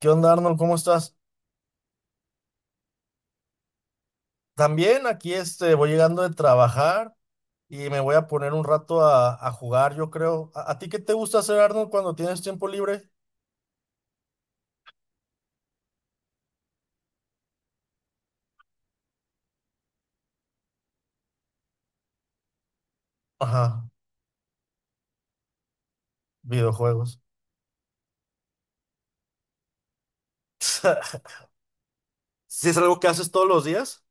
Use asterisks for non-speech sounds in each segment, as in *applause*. ¿Qué onda, Arnold? ¿Cómo estás? También aquí voy llegando de trabajar y me voy a poner un rato a jugar, yo creo. ¿A ti qué te gusta hacer, Arnold, cuando tienes tiempo libre? Ajá, videojuegos. *laughs* ¿Si es algo que haces todos los días?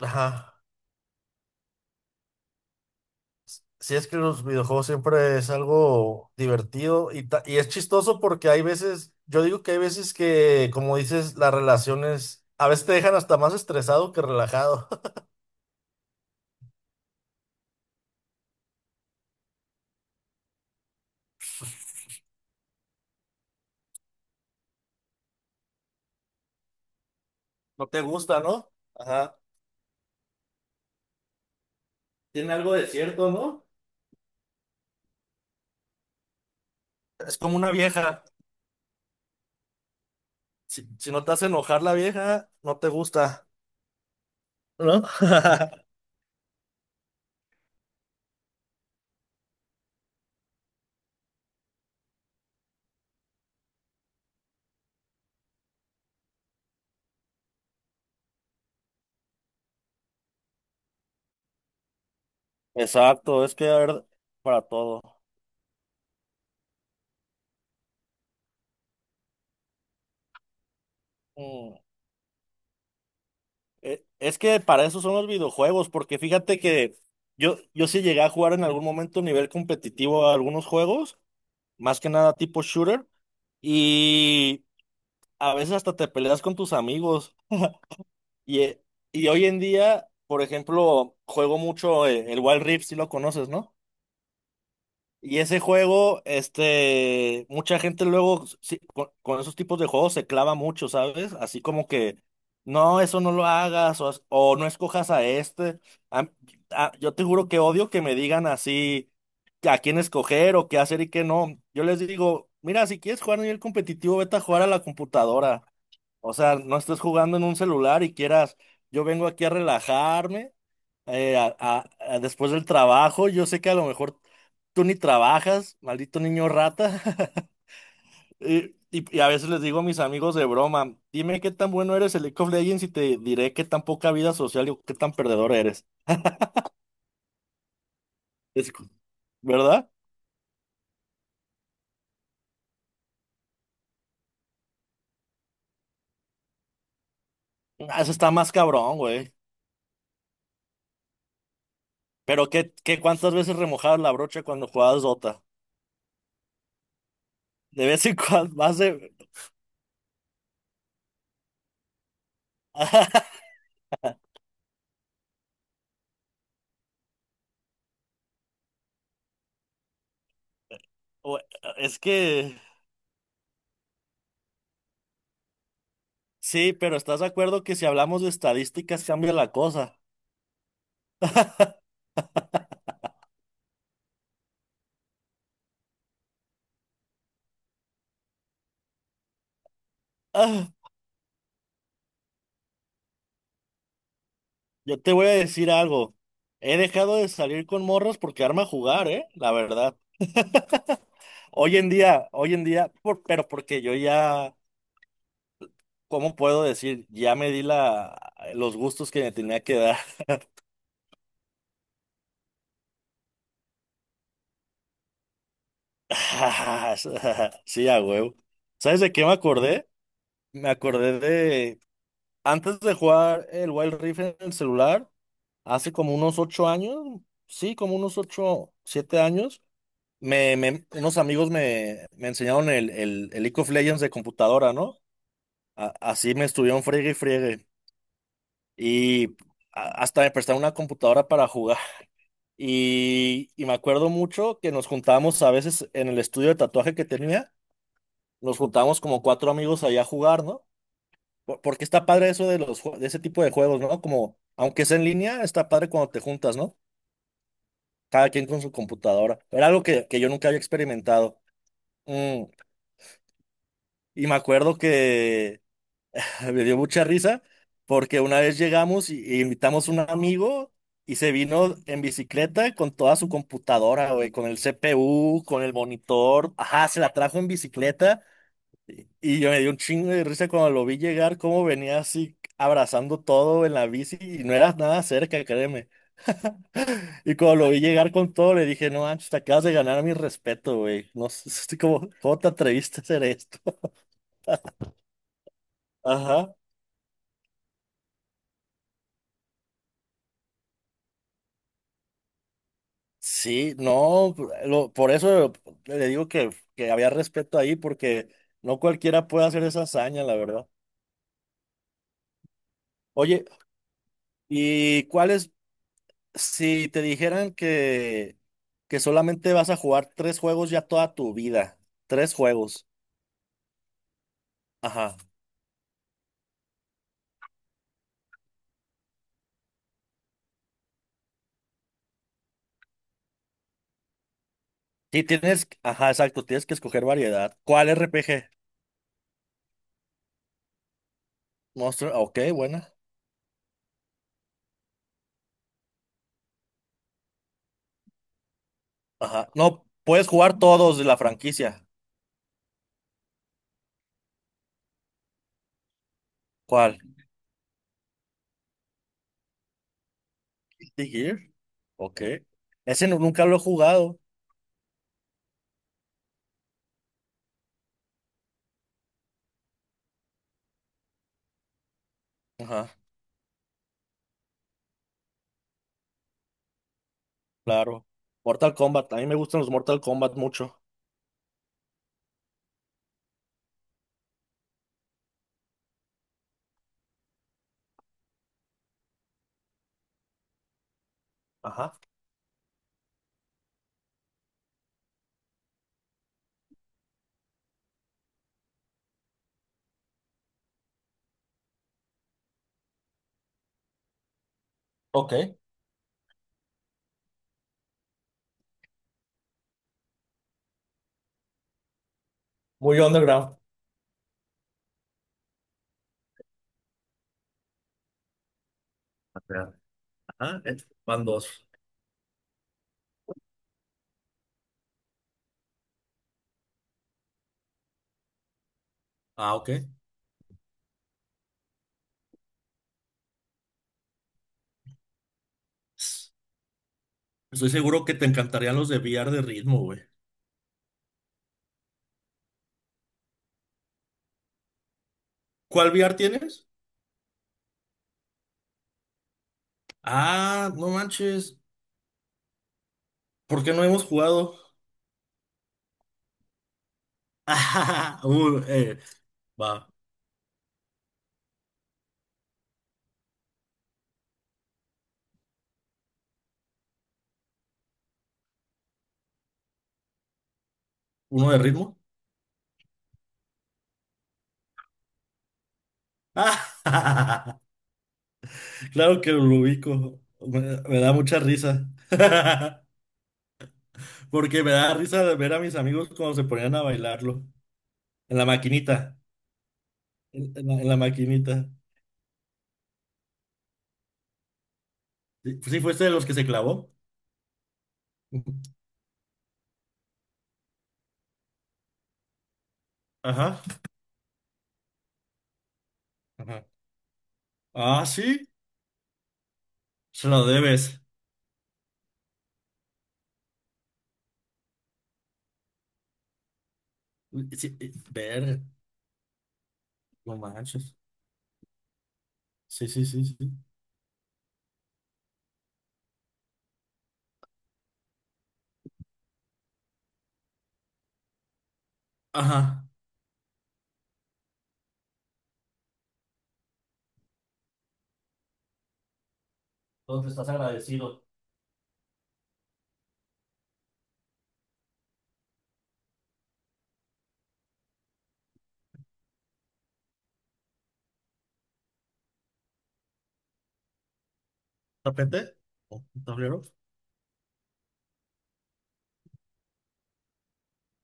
Ajá. Sí, es que los videojuegos siempre es algo divertido y es chistoso porque hay veces, yo digo que hay veces que, como dices, las relaciones a veces te dejan hasta más estresado que relajado. *laughs* No te gusta, ¿no? Ajá. Tiene algo de cierto, ¿no? Es como una vieja. Si, si no te hace enojar la vieja, no te gusta, ¿no? *laughs* Exacto, es que a ver, para todo. Mm, Es que para eso son los videojuegos, porque fíjate que yo sí llegué a jugar en algún momento a nivel competitivo a algunos juegos, más que nada tipo shooter, y a veces hasta te peleas con tus amigos. Y, eh, y hoy en día, por ejemplo, juego mucho el Wild Rift, si lo conoces, ¿no? Y ese juego, mucha gente luego sí, con esos tipos de juegos se clava mucho, ¿sabes? Así como que no, eso no lo hagas, o no escojas a este. A- yo te juro que odio que me digan así a quién escoger o qué hacer y qué no. Yo les digo, mira, si quieres jugar a nivel competitivo, vete a jugar a la computadora. O sea, no estés jugando en un celular y quieras, yo vengo aquí a relajarme a después del trabajo. Yo sé que a lo mejor tú ni trabajas, maldito niño rata. *laughs* Y a veces les digo a mis amigos de broma, dime qué tan bueno eres en League of Legends y te diré qué tan poca vida social y qué tan perdedor eres. Es- ¿Verdad? Ah, eso está más cabrón, güey. Pero qué cuántas veces remojabas la brocha cuando jugabas Dota. De vez en *laughs* cuando, más de… *laughs* Güey, es que… Sí, pero ¿estás de acuerdo que si hablamos de estadísticas cambia la cosa? *laughs* Yo te voy a decir algo. He dejado de salir con morros porque arma a jugar, ¿eh? La verdad. Hoy en día, pero porque ¿cómo puedo decir? Ya me di los gustos que me tenía que dar. *laughs* Sí, a huevo. ¿Sabes de qué me acordé? Me acordé de, antes de jugar el Wild Rift en el celular, hace como unos 8 años, sí, como unos 8, 7 años. Unos amigos me enseñaron el League of Legends de computadora, ¿no? Así me estuvieron friegue y friegue. Y hasta me prestaron una computadora para jugar. Y me acuerdo mucho que nos juntábamos a veces en el estudio de tatuaje que tenía, nos juntábamos como 4 amigos allá a jugar, ¿no? Porque está padre eso de de ese tipo de juegos, ¿no? Como, aunque sea en línea, está padre cuando te juntas, ¿no? Cada quien con su computadora. Era algo que yo nunca había experimentado. Mm, y me acuerdo que *laughs* me dio mucha risa porque una vez llegamos y invitamos a un amigo y se vino en bicicleta con toda su computadora, güey, con el CPU, con el monitor. Ajá, se la trajo en bicicleta y yo me dio un chingo de risa cuando lo vi llegar, cómo venía así abrazando todo en la bici y no era nada cerca, créeme. Y cuando lo vi llegar con todo, le dije, no, manches, te acabas de ganar mi respeto, güey. No sé, *laughs* como, ¿cómo te atreviste a hacer esto? *laughs* Ajá. Sí, no, por eso le digo que había respeto ahí, porque no cualquiera puede hacer esa hazaña, la verdad. Oye, ¿y cuáles? Si te dijeran que solamente vas a jugar 3 juegos ya toda tu vida. 3 juegos. Ajá. Sí, tienes, ajá, exacto, tienes que escoger variedad. ¿Cuál RPG? Monster, ah, ok, buena. Ajá. No, puedes jugar todos de la franquicia. ¿Cuál? Guilty Gear. Ok. Ese nunca lo he jugado. Ajá. Claro. Mortal Kombat. A mí me gustan los Mortal Kombat mucho. Ajá. Ok. Muy underground. Ajá, eh, van dos. Ah, ok. Estoy seguro que te encantarían los de VR de ritmo, güey. ¿Cuál VR tienes? Ah, no manches. ¿Por qué no hemos jugado? *laughs* Uh, eh, va. ¿Uno de ritmo? *laughs* Claro que lo ubico. Me da mucha risa. *laughs* Porque me da risa ver a mis amigos cuando se ponían a bailarlo. En la maquinita. En la maquinita. Sí, sí, fuiste de los que se clavó. Ajá. Ajá. Ah, sí. Se lo debes. Sí, ver, no manches. Sí, sí, sí, sí. Ajá. Entonces estás agradecido. ¿Tapete? ¿O un tablero?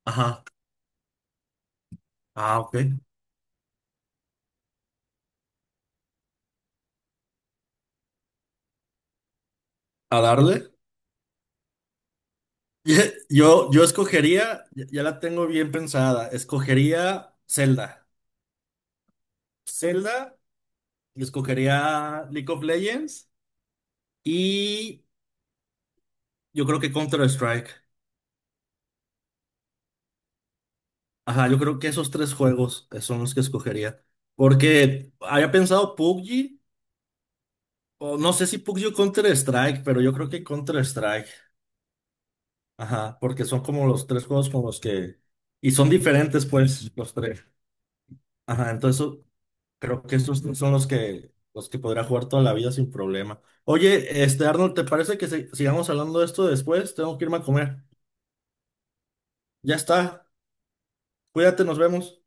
Ajá. Ah, ok. ¿A darle? Yo, yo escogería, ya ya la tengo bien pensada, escogería Zelda. Zelda, y escogería League of Legends y yo creo que Counter-Strike. Ajá, yo creo que esos 3 juegos son los que escogería. Porque había pensado PUBG, o no sé si PUBG o Counter-Strike, pero yo creo que Counter-Strike. Ajá, porque son como los tres juegos con los que… Y son diferentes, pues, los 3. Ajá, entonces creo que esos tres son los que podría jugar toda la vida sin problema. Oye, este, Arnold, ¿te parece que sigamos hablando de esto después? Tengo que irme a comer. Ya está. Cuídate, nos vemos.